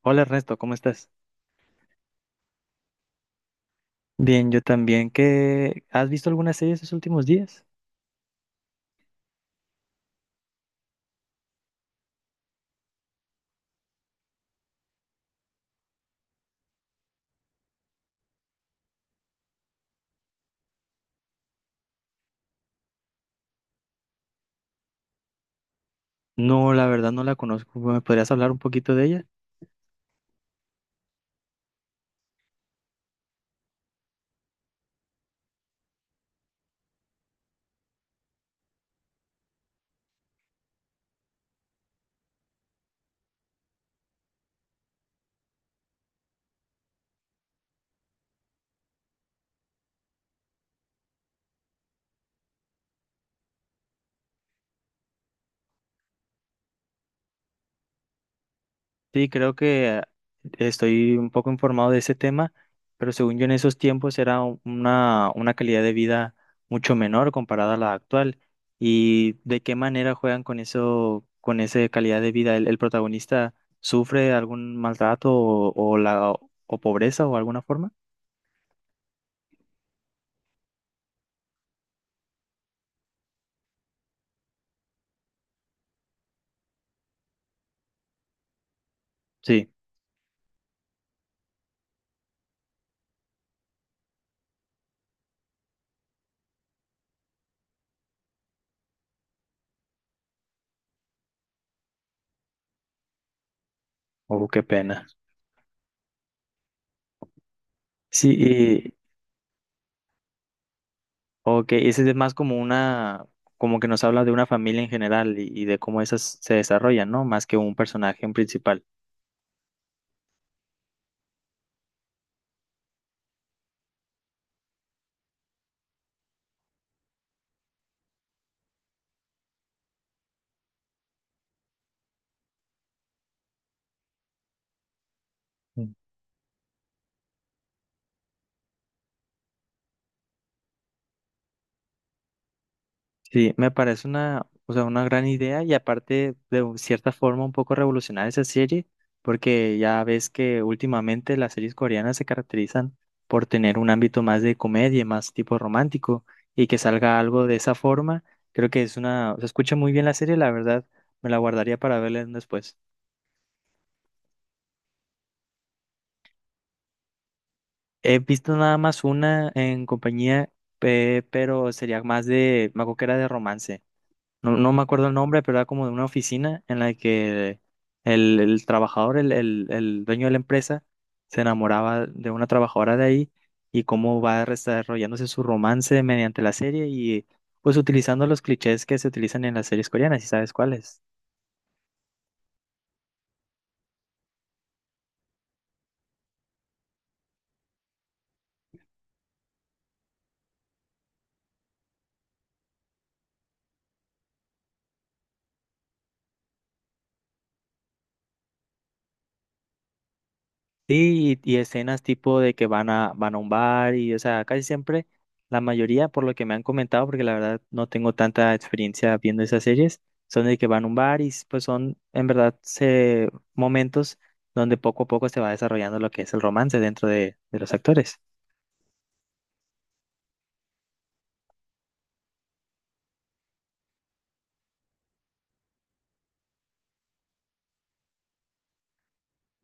Hola Ernesto, ¿cómo estás? Bien, yo también. ¿Has visto alguna serie estos últimos días? No, la verdad no la conozco. ¿Me podrías hablar un poquito de ella? Sí, creo que estoy un poco informado de ese tema, pero según yo en esos tiempos era una calidad de vida mucho menor comparada a la actual. ¿Y de qué manera juegan con eso, con esa calidad de vida? ¿El protagonista sufre algún maltrato o la o pobreza o alguna forma? Sí. Oh, qué pena. Sí, ok, ese es más como una, como que nos habla de una familia en general y de cómo esas se desarrollan, ¿no? Más que un personaje en principal. Mm. Sí, me parece una, o sea, una gran idea y aparte de cierta forma un poco revolucionar esa serie, porque ya ves que últimamente las series coreanas se caracterizan por tener un ámbito más de comedia, más tipo romántico, y que salga algo de esa forma, creo que es se escucha muy bien la serie, la verdad, me la guardaría para verla después. He visto nada más una en compañía, pero sería más de, me acuerdo que era de romance. No, no me acuerdo el nombre, pero era como de una oficina en la que el trabajador, el dueño de la empresa, se enamoraba de una trabajadora de ahí y cómo va desarrollándose su romance mediante la serie y pues utilizando los clichés que se utilizan en las series coreanas, ¿y sabes cuáles? Sí, y escenas tipo de que van a un bar y, o sea, casi siempre, la mayoría, por lo que me han comentado, porque la verdad no tengo tanta experiencia viendo esas series, son de que van a un bar y pues son, en verdad, momentos donde poco a poco se va desarrollando lo que es el romance dentro de los actores.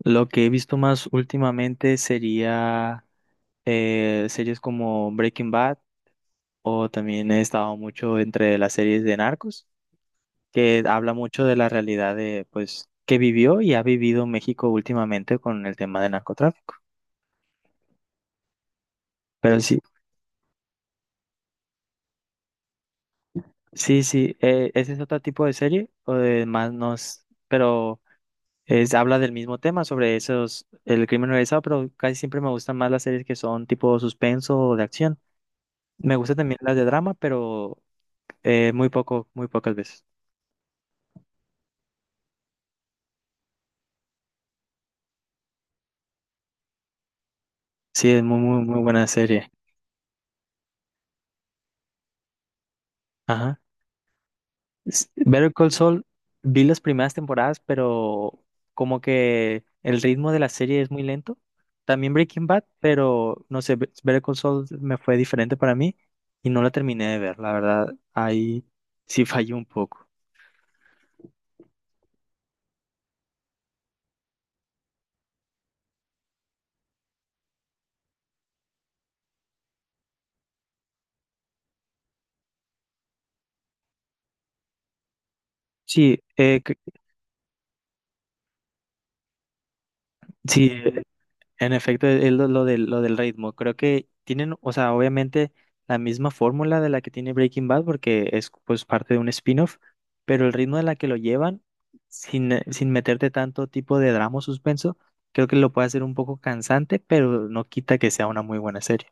Lo que he visto más últimamente sería series como Breaking Bad o también he estado mucho entre las series de Narcos, que habla mucho de la realidad de, pues, que vivió y ha vivido México últimamente con el tema del narcotráfico. Pero sí, sí, sí, ese es otro tipo de serie, o de más nos, pero habla del mismo tema sobre esos, el crimen organizado, pero casi siempre me gustan más las series que son tipo suspenso o de acción. Me gustan también las de drama, pero muy poco, muy pocas veces. Sí, es muy, muy, muy buena serie. Ajá. Better Call Saul, vi las primeras temporadas, pero como que el ritmo de la serie es muy lento. También Breaking Bad, pero no sé, Better Call Saul me fue diferente para mí y no la terminé de ver, la verdad, ahí sí fallé un poco. Sí, sí, en efecto, es lo del ritmo. Creo que tienen, o sea, obviamente la misma fórmula de la que tiene Breaking Bad, porque es pues parte de un spin-off, pero el ritmo de la que lo llevan, sin meterte tanto tipo de drama o suspenso, creo que lo puede hacer un poco cansante, pero no quita que sea una muy buena serie.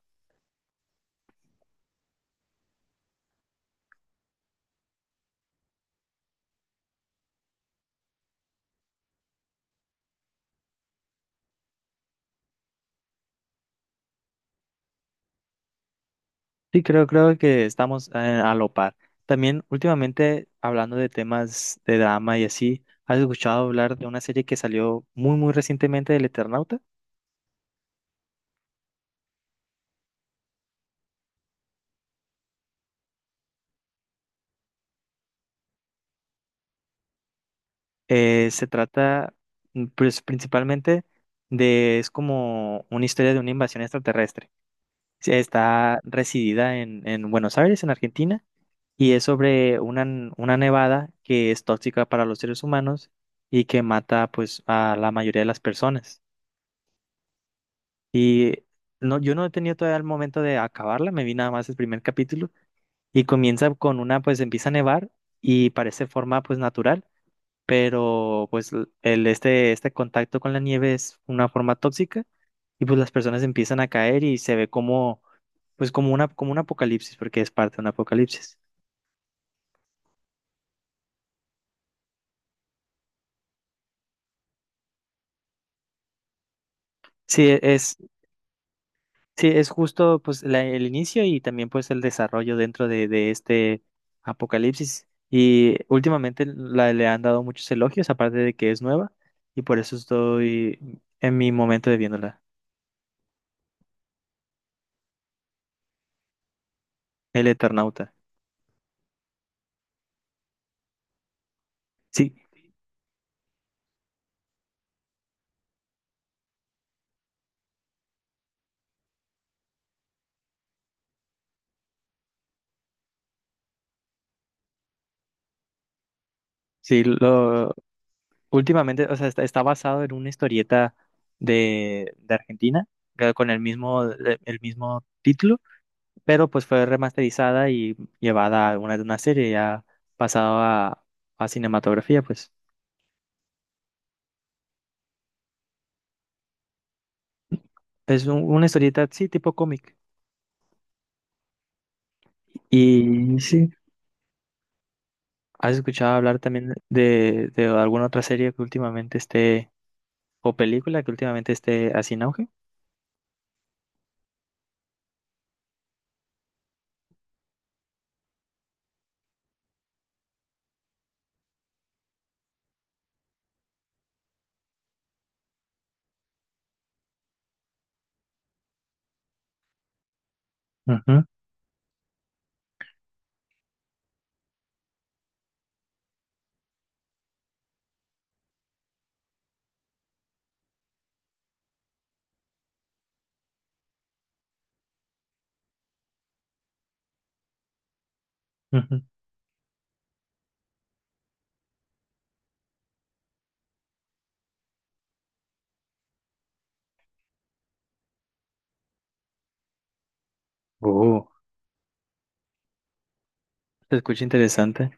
Sí, creo que estamos a lo par. También últimamente, hablando de temas de drama y así, ¿has escuchado hablar de una serie que salió muy, muy recientemente del Eternauta? Se trata, pues, principalmente es como una historia de una invasión extraterrestre. Sí, está residida en Buenos Aires, en Argentina, y es sobre una nevada que es tóxica para los seres humanos y que mata, pues, a la mayoría de las personas. Y no, yo no he tenido todavía el momento de acabarla, me vi nada más el primer capítulo y comienza con pues, empieza a nevar y parece forma, pues, natural. Pero pues este contacto con la nieve es una forma tóxica y pues las personas empiezan a caer y se ve como, pues como como un apocalipsis, porque es parte de un apocalipsis. Sí, sí, es justo pues el inicio y también pues el desarrollo dentro de este apocalipsis. Y últimamente le han dado muchos elogios, aparte de que es nueva, y por eso estoy en mi momento de viéndola, El Eternauta. Sí, sí, últimamente, o sea, está basado en una historieta de Argentina, con el mismo título, pero pues fue remasterizada y llevada a una serie ya pasado a cinematografía, pues. Es una historieta, sí, tipo cómic. Y sí, ¿has escuchado hablar también de alguna otra serie que últimamente esté, o película que últimamente esté así en auge? Ujú, ujú. Oh, se escucha interesante.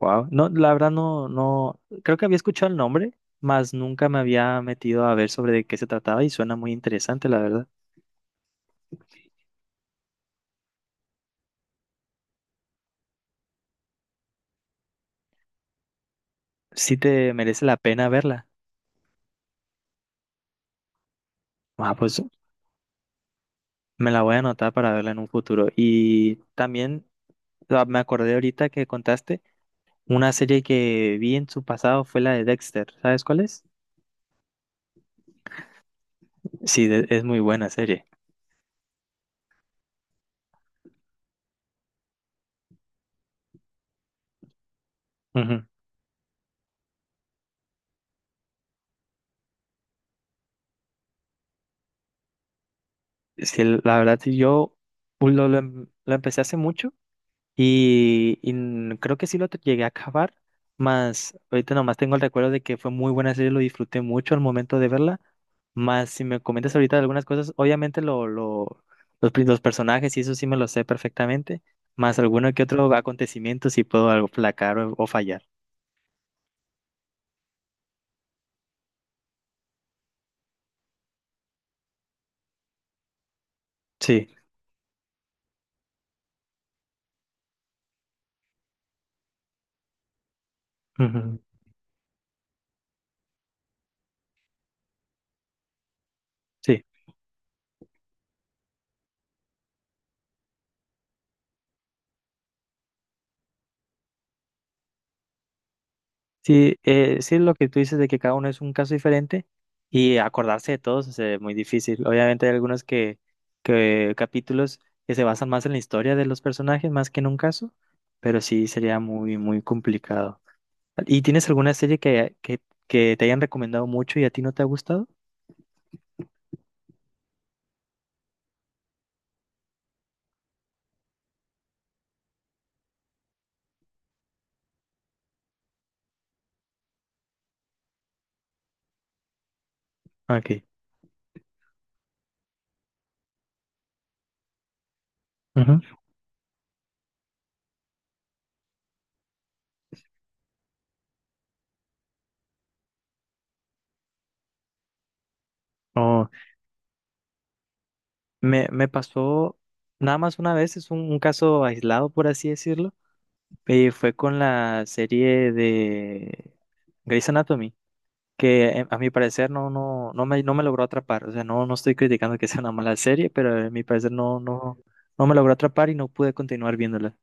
Wow. No, la verdad no, no, creo que había escuchado el nombre, mas nunca me había metido a ver sobre de qué se trataba y suena muy interesante, la verdad. Sí te merece la pena verla. Ah, pues me la voy a anotar para verla en un futuro. Y también me acordé ahorita que contaste una serie que vi en su pasado fue la de Dexter. ¿Sabes cuál es? Sí, es muy buena serie. Ujú. Sí, la verdad, sí, yo lo empecé hace mucho. Y creo que sí llegué a acabar, más ahorita nomás tengo el recuerdo de que fue muy buena serie, lo disfruté mucho al momento de verla. Más si me comentas ahorita algunas cosas, obviamente los personajes y eso sí me lo sé perfectamente, más alguno que otro acontecimiento si puedo algo placar o fallar. Sí. Ujú, sí. Sí, sí, lo que tú dices de que cada uno es un caso diferente y acordarse de todos es muy difícil. Obviamente hay algunos que capítulos que se basan más en la historia de los personajes más que en un caso, pero sí sería muy, muy complicado. ¿Y tienes alguna serie que te hayan recomendado mucho y a ti no te ha gustado? Aquí. Ujú. Oh, me pasó nada más una vez, es un caso aislado, por así decirlo, y fue con la serie de Grey's Anatomy. Que a mi parecer no, no, no me logró atrapar. O sea, no, no estoy criticando que sea una mala serie, pero a mi parecer no, no, no me logró atrapar y no pude continuar viéndola.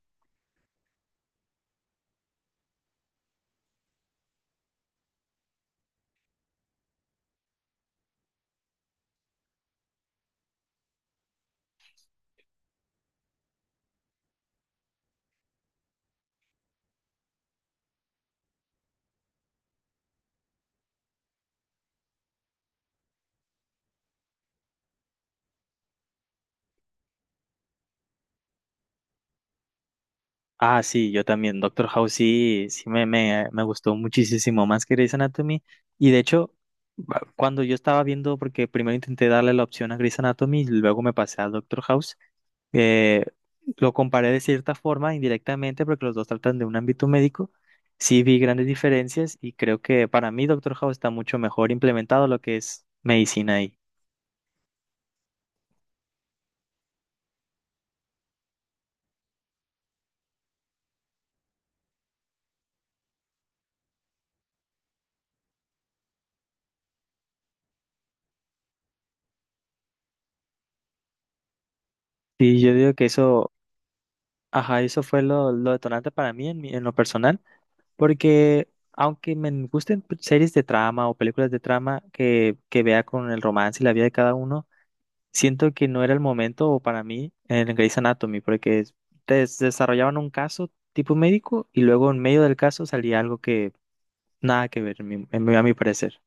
Ah, sí, yo también. Doctor House sí, sí me gustó muchísimo más que Grey's Anatomy. Y de hecho, cuando yo estaba viendo, porque primero intenté darle la opción a Grey's Anatomy y luego me pasé a Doctor House, eh, lo comparé de cierta forma, indirectamente, porque los dos tratan de un ámbito médico. Sí vi grandes diferencias y creo que para mí Doctor House está mucho mejor implementado lo que es medicina ahí. Sí, yo digo que eso, ajá, eso fue lo detonante para mí en lo personal. Porque aunque me gusten series de trama o películas de trama que vea con el romance y la vida de cada uno, siento que no era el momento o para mí en Grey's Anatomy, porque desarrollaban un caso tipo médico y luego en medio del caso salía algo que nada que ver, a mi parecer.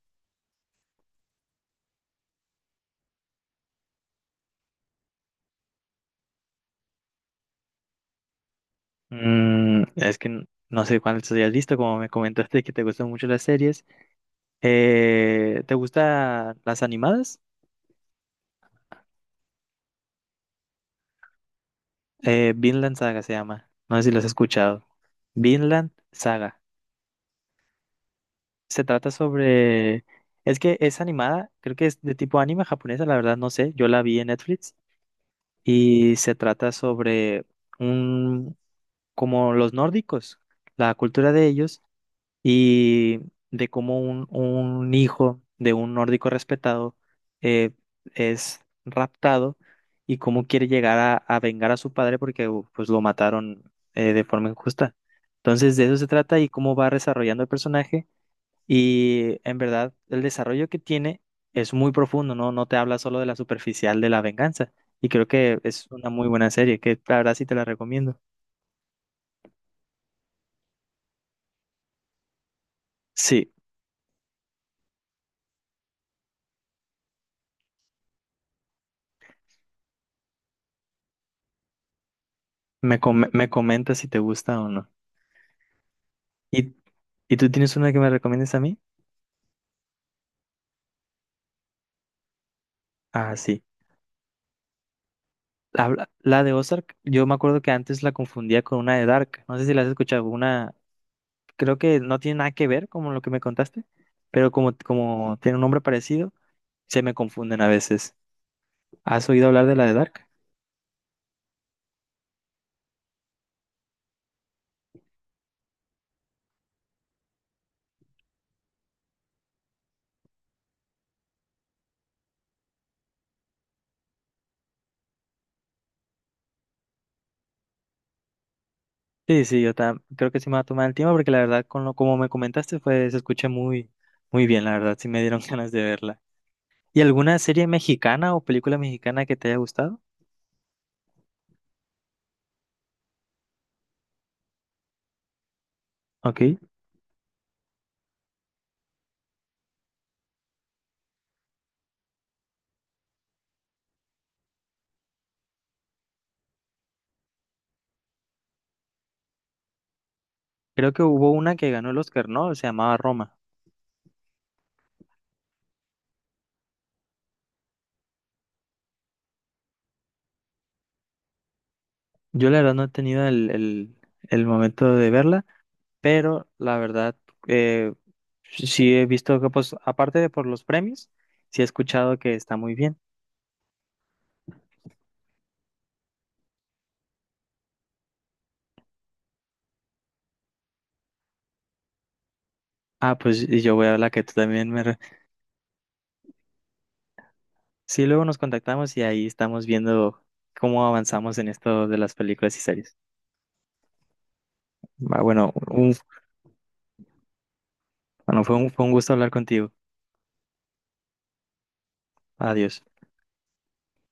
Es que no sé cuántas hayas visto, como me comentaste que te gustan mucho las series. ¿Te gustan las animadas? Vinland Saga se llama. No sé si las has escuchado. Vinland Saga. Se trata sobre. Es que es animada, creo que es de tipo anime japonesa, la verdad no sé, yo la vi en Netflix y se trata sobre un, como los nórdicos, la cultura de ellos y de cómo un hijo de un nórdico respetado eh, es raptado y cómo quiere llegar a vengar a su padre porque pues lo mataron de forma injusta. Entonces de eso se trata y cómo va desarrollando el personaje y en verdad, el desarrollo que tiene es muy profundo, ¿no? No te habla solo de la superficial de la venganza. Y creo que es una muy buena serie, que la verdad sí te la recomiendo. Sí, me comentas si te gusta o no. ¿Y, y tú tienes una que me recomiendes a mí? Ah, sí. La de Ozark, yo me acuerdo que antes la confundía con una de Dark. No sé si la has escuchado. Creo que no tiene nada que ver con lo que me contaste, pero como tiene un nombre parecido, se me confunden a veces. ¿Has oído hablar de la de Dark? Sí, sí, yo creo que sí me va a tomar el tiempo porque la verdad, con como me comentaste, se escucha muy, muy bien, la verdad, sí me dieron ganas de verla. ¿Y alguna serie mexicana o película mexicana que te haya gustado? Ok, creo que hubo una que ganó el Oscar, ¿no? Se llamaba Roma. Yo la verdad no he tenido el momento de verla, pero la verdad, eh, sí he visto que, pues, aparte de por los premios, sí he escuchado que está muy bien. Ah, pues y yo voy a la que tú también me. Sí, luego nos contactamos y ahí estamos viendo cómo avanzamos en esto de las películas y series. Ah, bueno, bueno, fue un gusto hablar contigo. Adiós.